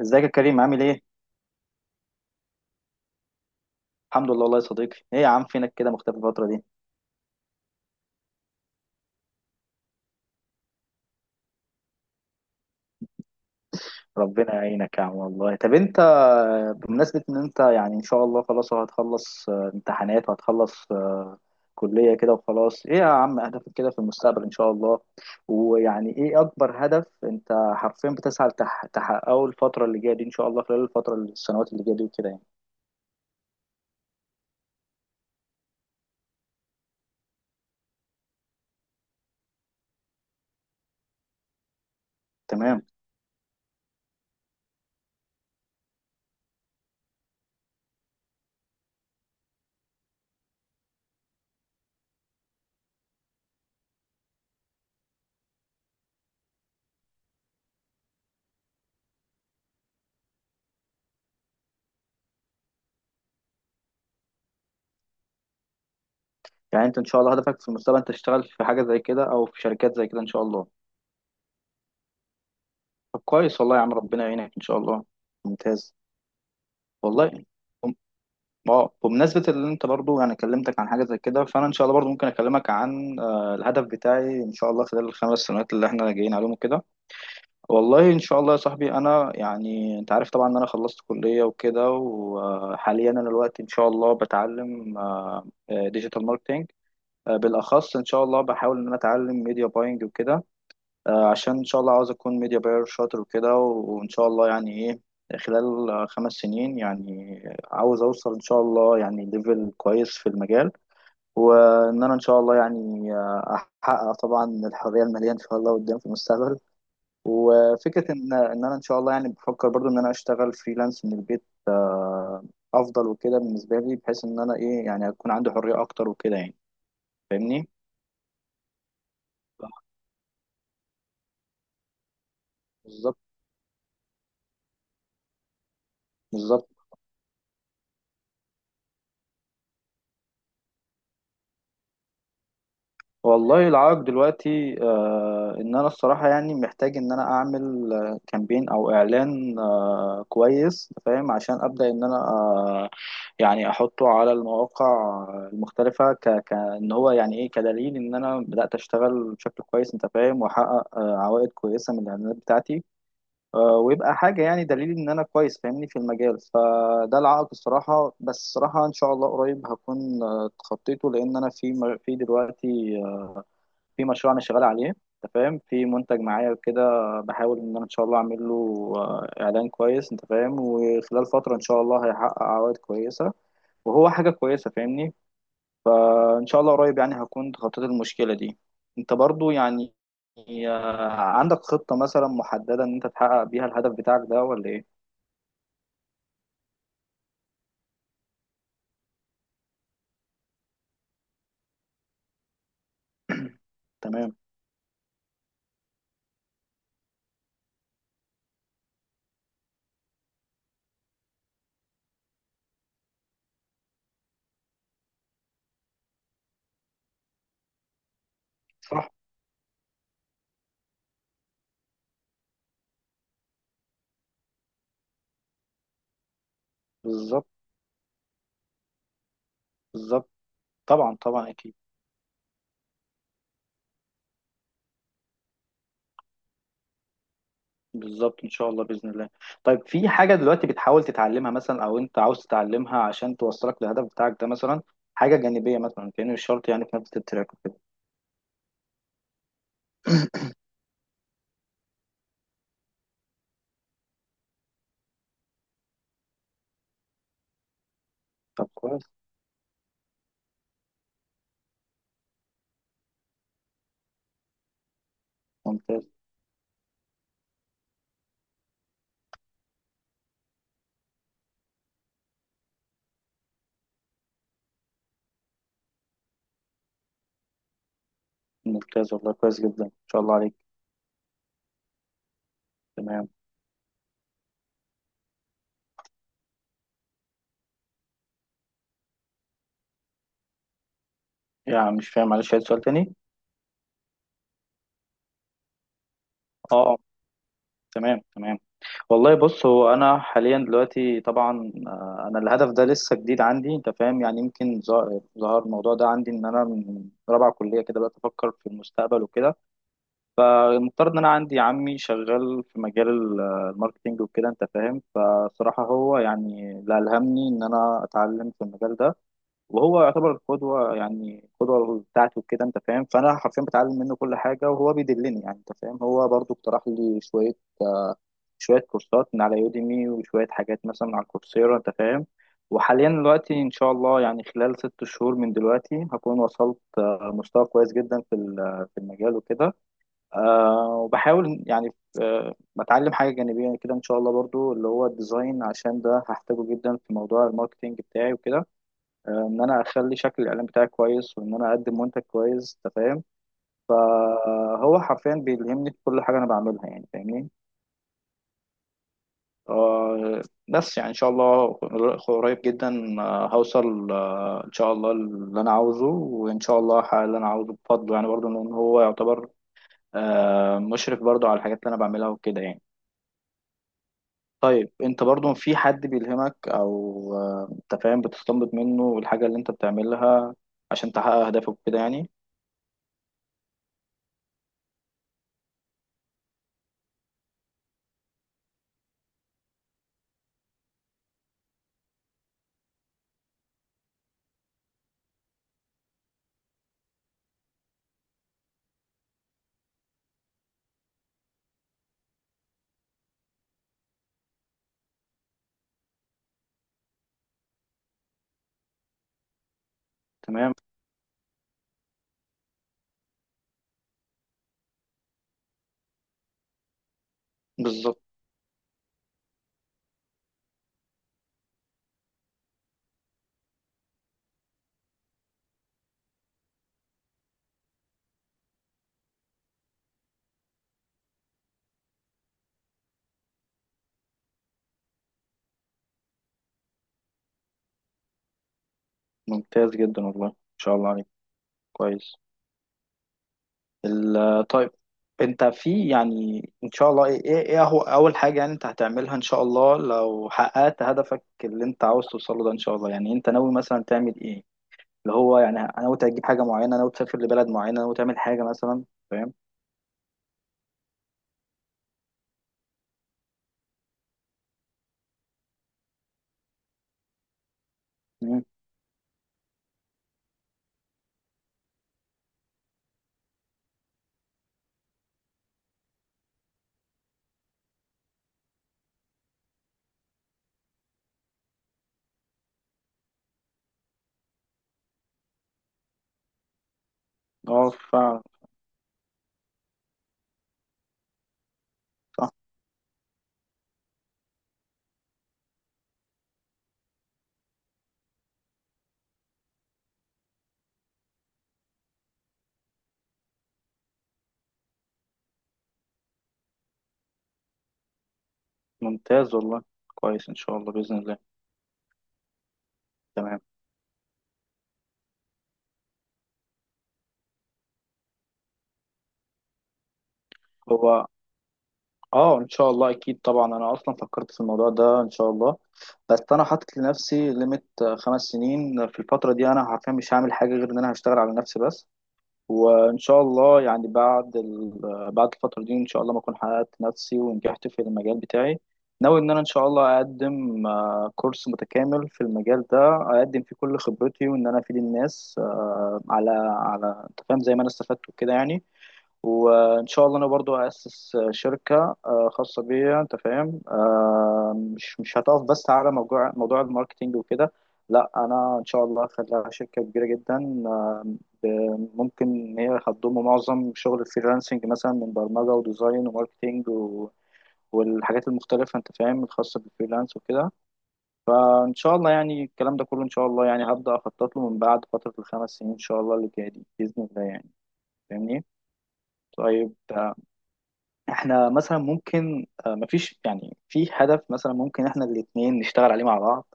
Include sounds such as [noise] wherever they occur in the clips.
ازيك يا كريم عامل ايه؟ الحمد لله والله يا صديقي، ايه يا عم فينك كده مختفي الفترة دي؟ ربنا يعينك يا عم والله، طب انت بمناسبة ان انت يعني ان شاء الله خلاص أهو هتخلص امتحانات وهتخلص كلية كده وخلاص، ايه يا عم هدفك كده في المستقبل ان شاء الله؟ ويعني ايه اكبر هدف انت حرفيا بتسعى تحققه الفترة اللي جاية دي ان شاء الله خلال الفترة السنوات اللي جاية دي وكده يعني، تمام؟ يعني انت ان شاء الله هدفك في المستقبل انت تشتغل في حاجة زي كده او في شركات زي كده ان شاء الله. طب كويس والله يا عم ربنا يعينك ان شاء الله. ممتاز والله. بم- اه بمناسبة اللي انت برضو انا كلمتك عن حاجة زي كده فانا ان شاء الله برضو ممكن اكلمك عن الهدف بتاعي ان شاء الله خلال الـ 5 سنوات اللي احنا جايين عليهم كده. والله ان شاء الله يا صاحبي، انا يعني انت عارف طبعا ان انا خلصت كلية وكده، وحاليا انا دلوقتي ان شاء الله بتعلم ديجيتال ماركتينج، بالاخص ان شاء الله بحاول ان انا اتعلم ميديا باينج وكده، عشان ان شاء الله عاوز اكون ميديا باير شاطر وكده، وان شاء الله يعني ايه خلال 5 سنين يعني عاوز اوصل ان شاء الله يعني ليفل كويس في المجال، وان انا ان شاء الله يعني احقق طبعا الحريه الماليه ان شاء الله قدام في المستقبل. وفكره ان انا ان شاء الله يعني بفكر برضو ان انا اشتغل فريلانس من البيت افضل وكده بالنسبه لي، بحيث ان انا ايه يعني اكون عندي حريه اكتر وكده يعني. فاهمني؟ بالظبط. بالظبط. والله العائق دلوقتي ان انا الصراحه يعني محتاج ان انا اعمل كامبين او اعلان كويس فاهم، عشان ابدا ان انا يعني احطه على المواقع المختلفه، ك ك ان هو يعني ايه كدليل ان انا بدات اشتغل بشكل كويس انت فاهم، واحقق عوائد كويسه من الاعلانات بتاعتي، ويبقى حاجه يعني دليل ان انا كويس فاهمني في المجال. فده العائق الصراحه، بس الصراحه ان شاء الله قريب هكون اتخطيته، لان انا في دلوقتي في مشروع انا شغال عليه انت فاهم، في منتج معايا كده، بحاول ان انا ان شاء الله اعمل له اعلان كويس انت فاهم، وخلال فتره ان شاء الله هيحقق عوائد كويسه وهو حاجه كويسه فاهمني. فان شاء الله قريب يعني هكون تخطيت المشكله دي. انت برضو يعني عندك خطه مثلا محدده ان انت تحقق بيها الهدف بتاعك ده ولا ايه؟ [clears throat] تمام. صح. بالظبط. بالظبط. طبعا، طبعا اكيد. بالظبط ان شاء الله باذن الله. طيب، في حاجه دلوقتي بتحاول تتعلمها مثلا او انت عاوز تتعلمها عشان توصلك للهدف بتاعك ده، مثلا حاجه جانبيه، مثلا كأنه مش شرط يعني في نفس التراك وكده؟ طب كويس. ممتاز. ممتاز والله كويس جدا ان شاء الله عليك. تمام. يعني مش فاهم، معلش عايز سؤال تاني. اه، اه، تمام، تمام. والله بص، هو انا حاليا دلوقتي طبعا انا الهدف ده لسه جديد عندي انت فاهم، يعني يمكن ظهر الموضوع ده عندي ان انا من رابعه كليه كده بدات افكر في المستقبل وكده. المفترض ان انا عندي عمي شغال في مجال الماركتينج وكده انت فاهم، فصراحة هو يعني اللي ألهمني ان انا اتعلم في المجال ده، وهو يعتبر القدوة يعني القدوة بتاعتي وكده انت فاهم، فانا حرفيا بتعلم منه كل حاجة وهو بيدلني يعني انت فاهم، هو برضو اقترح لي شوية كورسات من على يوديمي، وشوية حاجات مثلا على كورسيرا انت فاهم. وحاليا دلوقتي ان شاء الله يعني خلال 6 شهور من دلوقتي هكون وصلت مستوى كويس جدا في في المجال وكده. وبحاول يعني بتعلم حاجة جانبية كده إن شاء الله برضو اللي هو الديزاين، عشان ده هحتاجه جدا في موضوع الماركتينج بتاعي وكده، إن أنا أخلي شكل الإعلان بتاعي كويس وإن أنا أقدم منتج كويس أنت فاهم. فهو حرفيا بيلهمني في كل حاجة أنا بعملها يعني فاهمني. أه بس يعني إن شاء الله قريب جدا هوصل إن شاء الله اللي أنا عاوزه، وإن شاء الله هحقق اللي أنا عاوزه بفضله، يعني برضو إن هو يعتبر مشرف برضو على الحاجات اللي أنا بعملها وكده يعني. طيب انت برضو في حد بيلهمك او انت فاهم بتستنبط منه الحاجة اللي انت بتعملها عشان تحقق اهدافك كده يعني؟ تمام. بالظبط. ممتاز جدا والله ان شاء الله عليك. كويس. طيب، انت في يعني ان شاء الله، ايه هو اول حاجة يعني انت هتعملها ان شاء الله لو حققت هدفك اللي انت عاوز توصله ده ان شاء الله، يعني انت ناوي مثلا تعمل ايه؟ اللي هو يعني ناوي تجيب حاجة معينة، ناوي تسافر لبلد معينة، ناوي تعمل حاجة مثلا؟ فاهم؟ مم. اه فعلا. ممتاز والله كويس ان شاء الله باذن الله. تمام. هو اه ان شاء الله اكيد طبعا، انا اصلا فكرت في الموضوع ده ان شاء الله، بس انا حاطط لنفسي ليميت 5 سنين. في الفتره دي انا حرفيا مش هعمل حاجه غير ان انا هشتغل على نفسي بس. وان شاء الله يعني بعد الفتره دي ان شاء الله ما اكون حققت نفسي ونجحت في المجال بتاعي، ناوي ان انا ان شاء الله اقدم كورس متكامل في المجال ده، اقدم فيه كل خبرتي، وان انا افيد الناس على على انت فاهم زي ما انا استفدت وكده يعني. وان شاء الله انا برضو اسس شركه خاصه بيا انت فاهم، مش هتقف بس على موضوع الماركتينج وكده. لا، انا ان شاء الله هخليها شركه كبيره جدا ممكن ان هي هتضم معظم شغل الفريلانسنج مثلا من برمجه وديزاين وماركتينج والحاجات المختلفه انت فاهم الخاصه بالفريلانس وكده. فان شاء الله يعني الكلام ده كله ان شاء الله يعني هبدا اخطط له من بعد فتره الـ 5 سنين ان شاء الله اللي جايه دي باذن الله يعني. فاهمني؟ طيب، احنا مثلا ممكن مفيش يعني في هدف مثلا ممكن احنا الاتنين نشتغل عليه مع بعض؟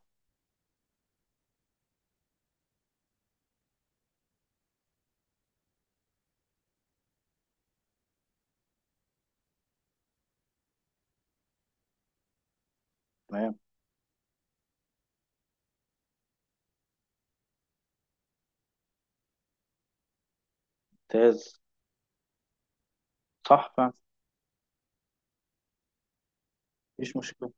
تمام. ممتاز. صح فعلا. مفيش مشكلة.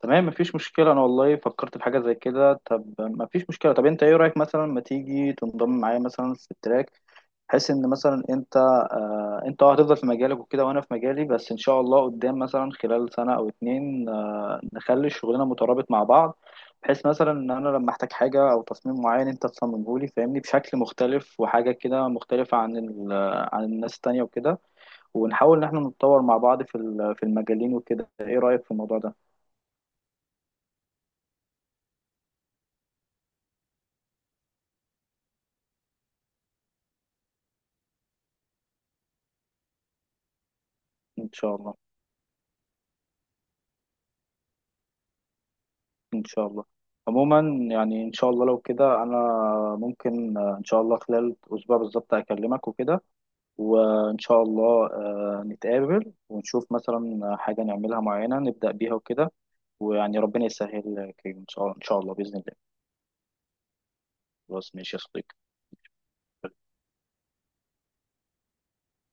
تمام مفيش مشكلة، انا والله فكرت في حاجة زي كده. طب مفيش مشكلة، طب انت ايه رأيك مثلا ما تيجي تنضم معايا مثلا في التراك، بحيث ان مثلا انت هتفضل في مجالك وكده وانا في مجالي، بس ان شاء الله قدام مثلا خلال سنة او اتنين نخلي الشغلنا مترابط مع بعض، بحيث مثلا ان انا لما احتاج حاجة او تصميم معين انت تصممه لي فاهمني بشكل مختلف، وحاجة كده مختلفة عن عن الناس التانية وكده، ونحاول ان احنا نتطور مع بعض في في المجالين وكده. ايه رأيك في الموضوع ده؟ ان شاء الله، ان شاء الله، عموما يعني ان شاء الله لو كده، انا ممكن ان شاء الله خلال اسبوع بالظبط اكلمك وكده، وإن شاء الله نتقابل ونشوف مثلا حاجة نعملها معينة نبدأ بيها وكده، ويعني ربنا يسهل يا كريم إن شاء الله بإذن الله. خلاص ماشي يا صديقي.